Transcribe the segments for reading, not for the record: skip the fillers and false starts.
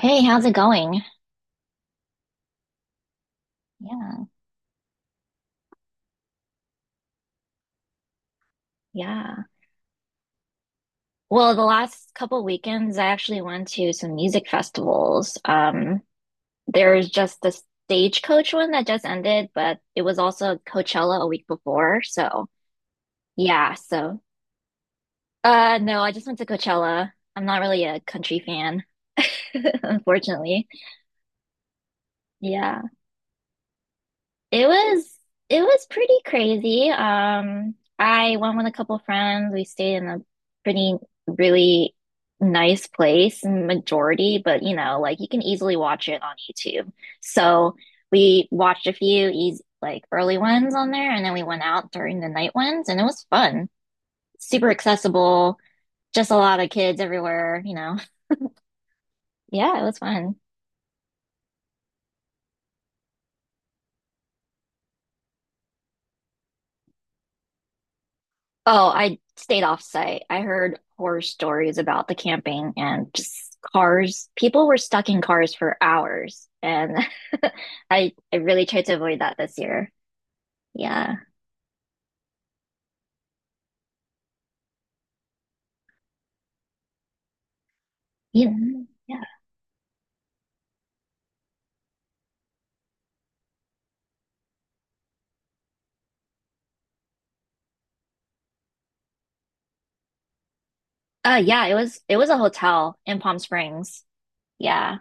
Hey, how's it going? Yeah, yeah. Well, the last couple weekends, I actually went to some music festivals. There's just the Stagecoach one that just ended, but it was also Coachella a week before. So, yeah, so no, I just went to Coachella. I'm not really a country fan, unfortunately. Yeah. It was it was pretty crazy. I went with a couple friends. We stayed in a pretty really nice place, in majority, but you know, like you can easily watch it on YouTube. So we watched a few easy like early ones on there, and then we went out during the night ones, and it was fun. Super accessible, just a lot of kids everywhere, you know. Yeah, it was fun. Oh, I stayed off site. I heard horror stories about the camping and just cars. People were stuck in cars for hours, and I really tried to avoid that this year. Yeah. Yeah. Yeah. Yeah, it was a hotel in Palm Springs. Yeah.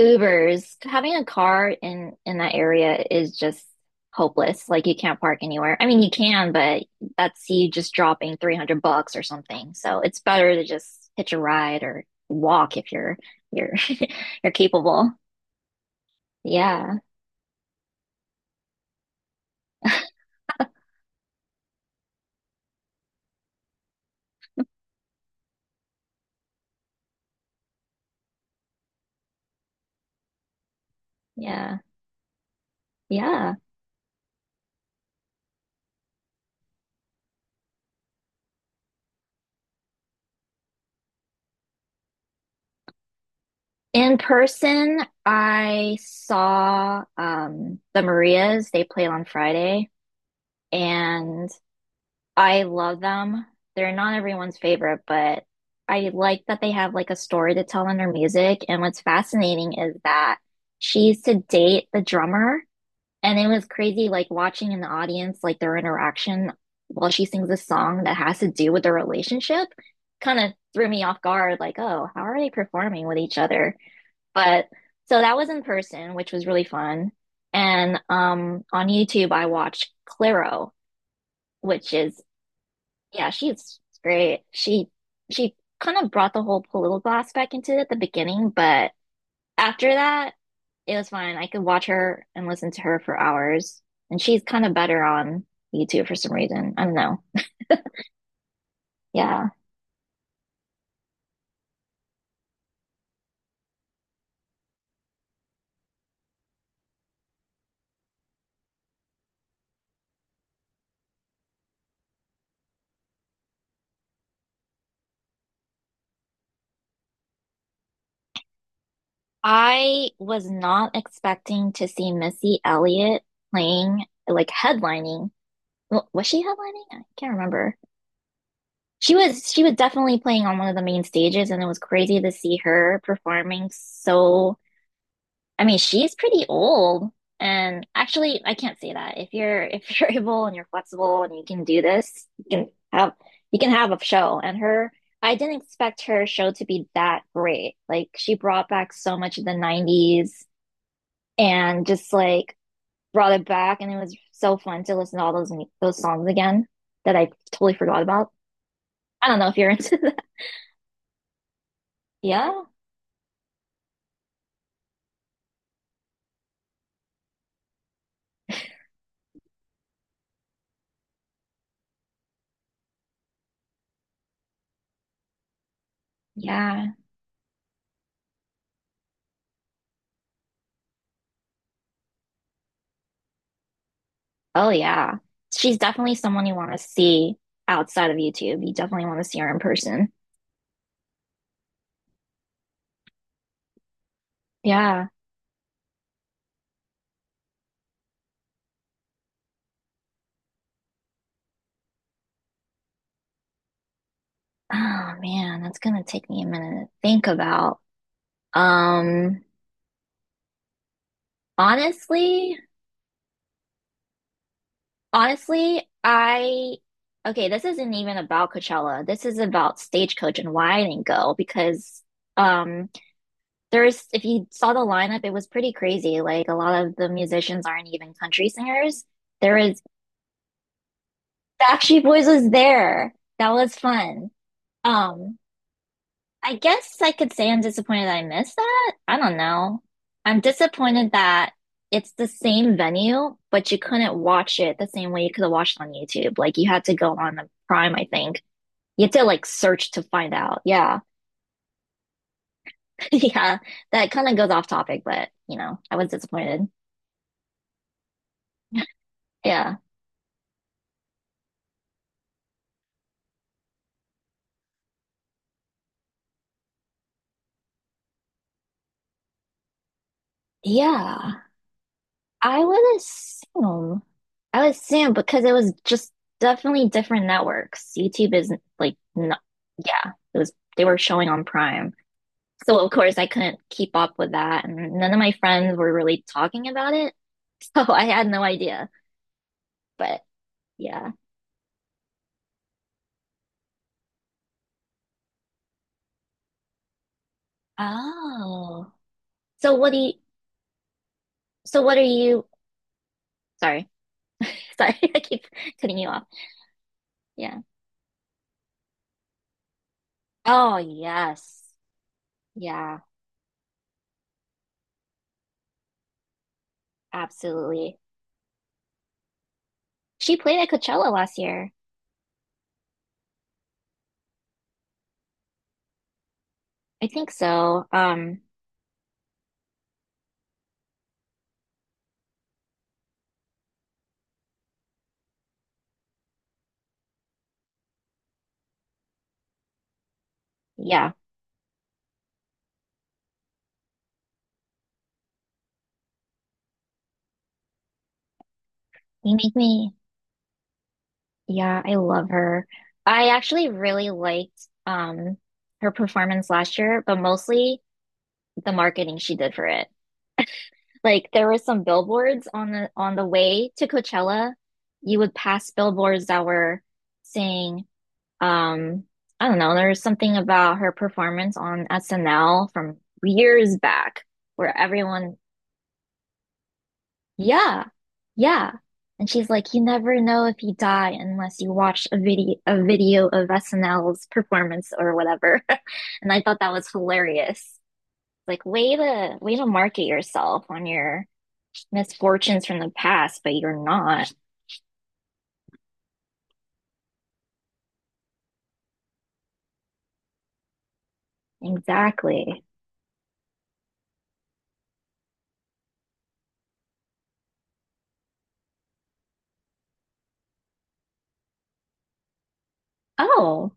Ubers, having a car in that area is just hopeless. Like you can't park anywhere. I mean, you can, but that's you just dropping 300 bucks or something. So it's better to just hitch a ride or walk if you're you're capable. Yeah. Yeah. Yeah. In person, I saw the Marias. They played on Friday and I love them. They're not everyone's favorite, but I like that they have like a story to tell in their music. And what's fascinating is that she used to date the drummer, and it was crazy like watching in the audience like their interaction while she sings a song that has to do with their relationship. Kind of threw me off guard, like, oh, how are they performing with each other? But So that was in person, which was really fun. And on YouTube I watched Clairo, which is yeah, she's great. She kind of brought the whole political aspect into it at the beginning, but after that, it was fine. I could watch her and listen to her for hours. And she's kind of better on YouTube for some reason. I don't know. Yeah. I was not expecting to see Missy Elliott playing like headlining. Was she headlining? I can't remember. She was definitely playing on one of the main stages and it was crazy to see her performing so I mean, she's pretty old. And actually, I can't say that. If you're if you're able and you're flexible and you can do this, you can have a show. And her, I didn't expect her show to be that great. Like she brought back so much of the 90s and just like brought it back and it was so fun to listen to all those songs again that I totally forgot about. I don't know if you're into that. Yeah. Yeah. Oh yeah. She's definitely someone you want to see outside of YouTube. You definitely want to see her in person. Yeah. Oh man, that's gonna take me a minute to think about. Um, honestly, honestly, I okay, this isn't even about Coachella. This is about Stagecoach and why I didn't go because um there's if you saw the lineup, it was pretty crazy. Like a lot of the musicians aren't even country singers. There is Backstreet Boys was there. That was fun. Um, I guess I could say I'm disappointed that I missed that. I don't know. I'm disappointed that it's the same venue, but you couldn't watch it the same way you could have watched it on YouTube. Like you had to go on the Prime, I think. You had to like search to find out. Yeah. Yeah. That kind of goes off topic, but you know, I was disappointed. Yeah. Yeah. I would assume. I would assume because it was just definitely different networks. YouTube isn't like no, yeah, it was they were showing on Prime. So of course I couldn't keep up with that and none of my friends were really talking about it. So I had no idea. But yeah. Oh. So what do you so what are you sorry. Sorry, I keep cutting you off. Yeah. Oh yes. Yeah, absolutely. She played at Coachella last year. I think so. Yeah, you make me. Yeah, I love her. I actually really liked her performance last year, but mostly the marketing she did for it. Like there were some billboards on the way to Coachella. You would pass billboards that were saying, um, I don't know, there was something about her performance on SNL from years back where everyone yeah, yeah. And she's like, you never know if you die unless you watch a video of SNL's performance or whatever. And I thought that was hilarious. Like, way to market yourself on your misfortunes from the past, but you're not. Exactly. Oh,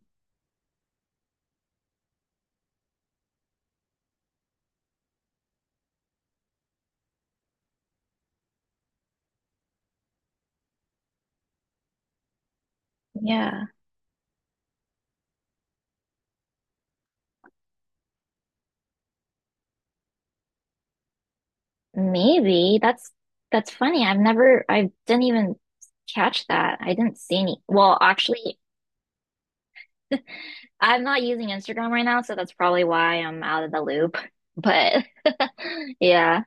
yeah. Maybe that's funny. I didn't even catch that. I didn't see any. Well, actually, I'm not using Instagram right now, so that's probably why I'm out of the loop. But yeah,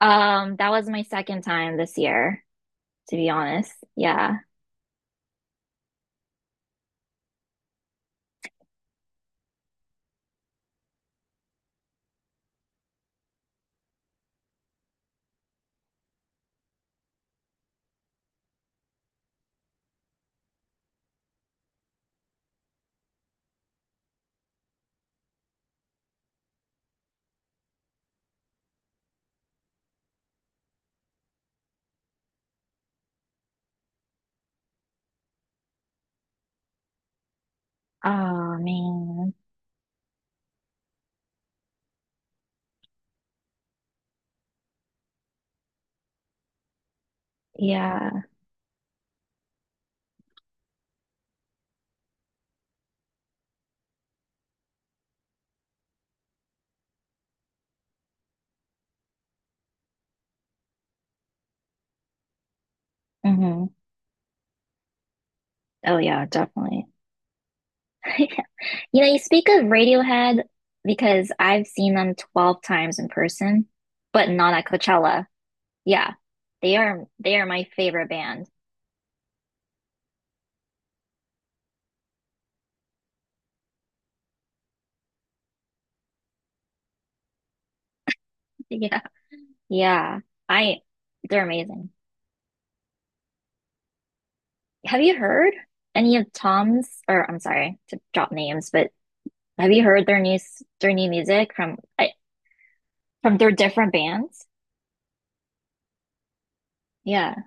that was my second time this year, to be honest. Yeah. Oh man. Yeah. hmm Oh yeah, definitely. You know, you speak of Radiohead because I've seen them 12 times in person, but not at Coachella. Yeah. They are my favorite band. Yeah. Yeah. I They're amazing. Have you heard any of Tom's, or I'm sorry to drop names, but have you heard their their new music from from their different bands? Yeah.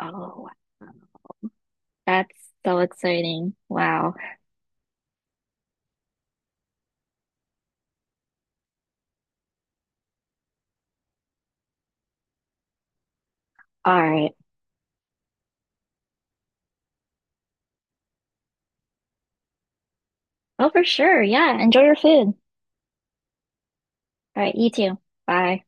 Oh, wow. That's so exciting. Wow. All right. Oh, for sure. Yeah. Enjoy your food. All right. You too. Bye.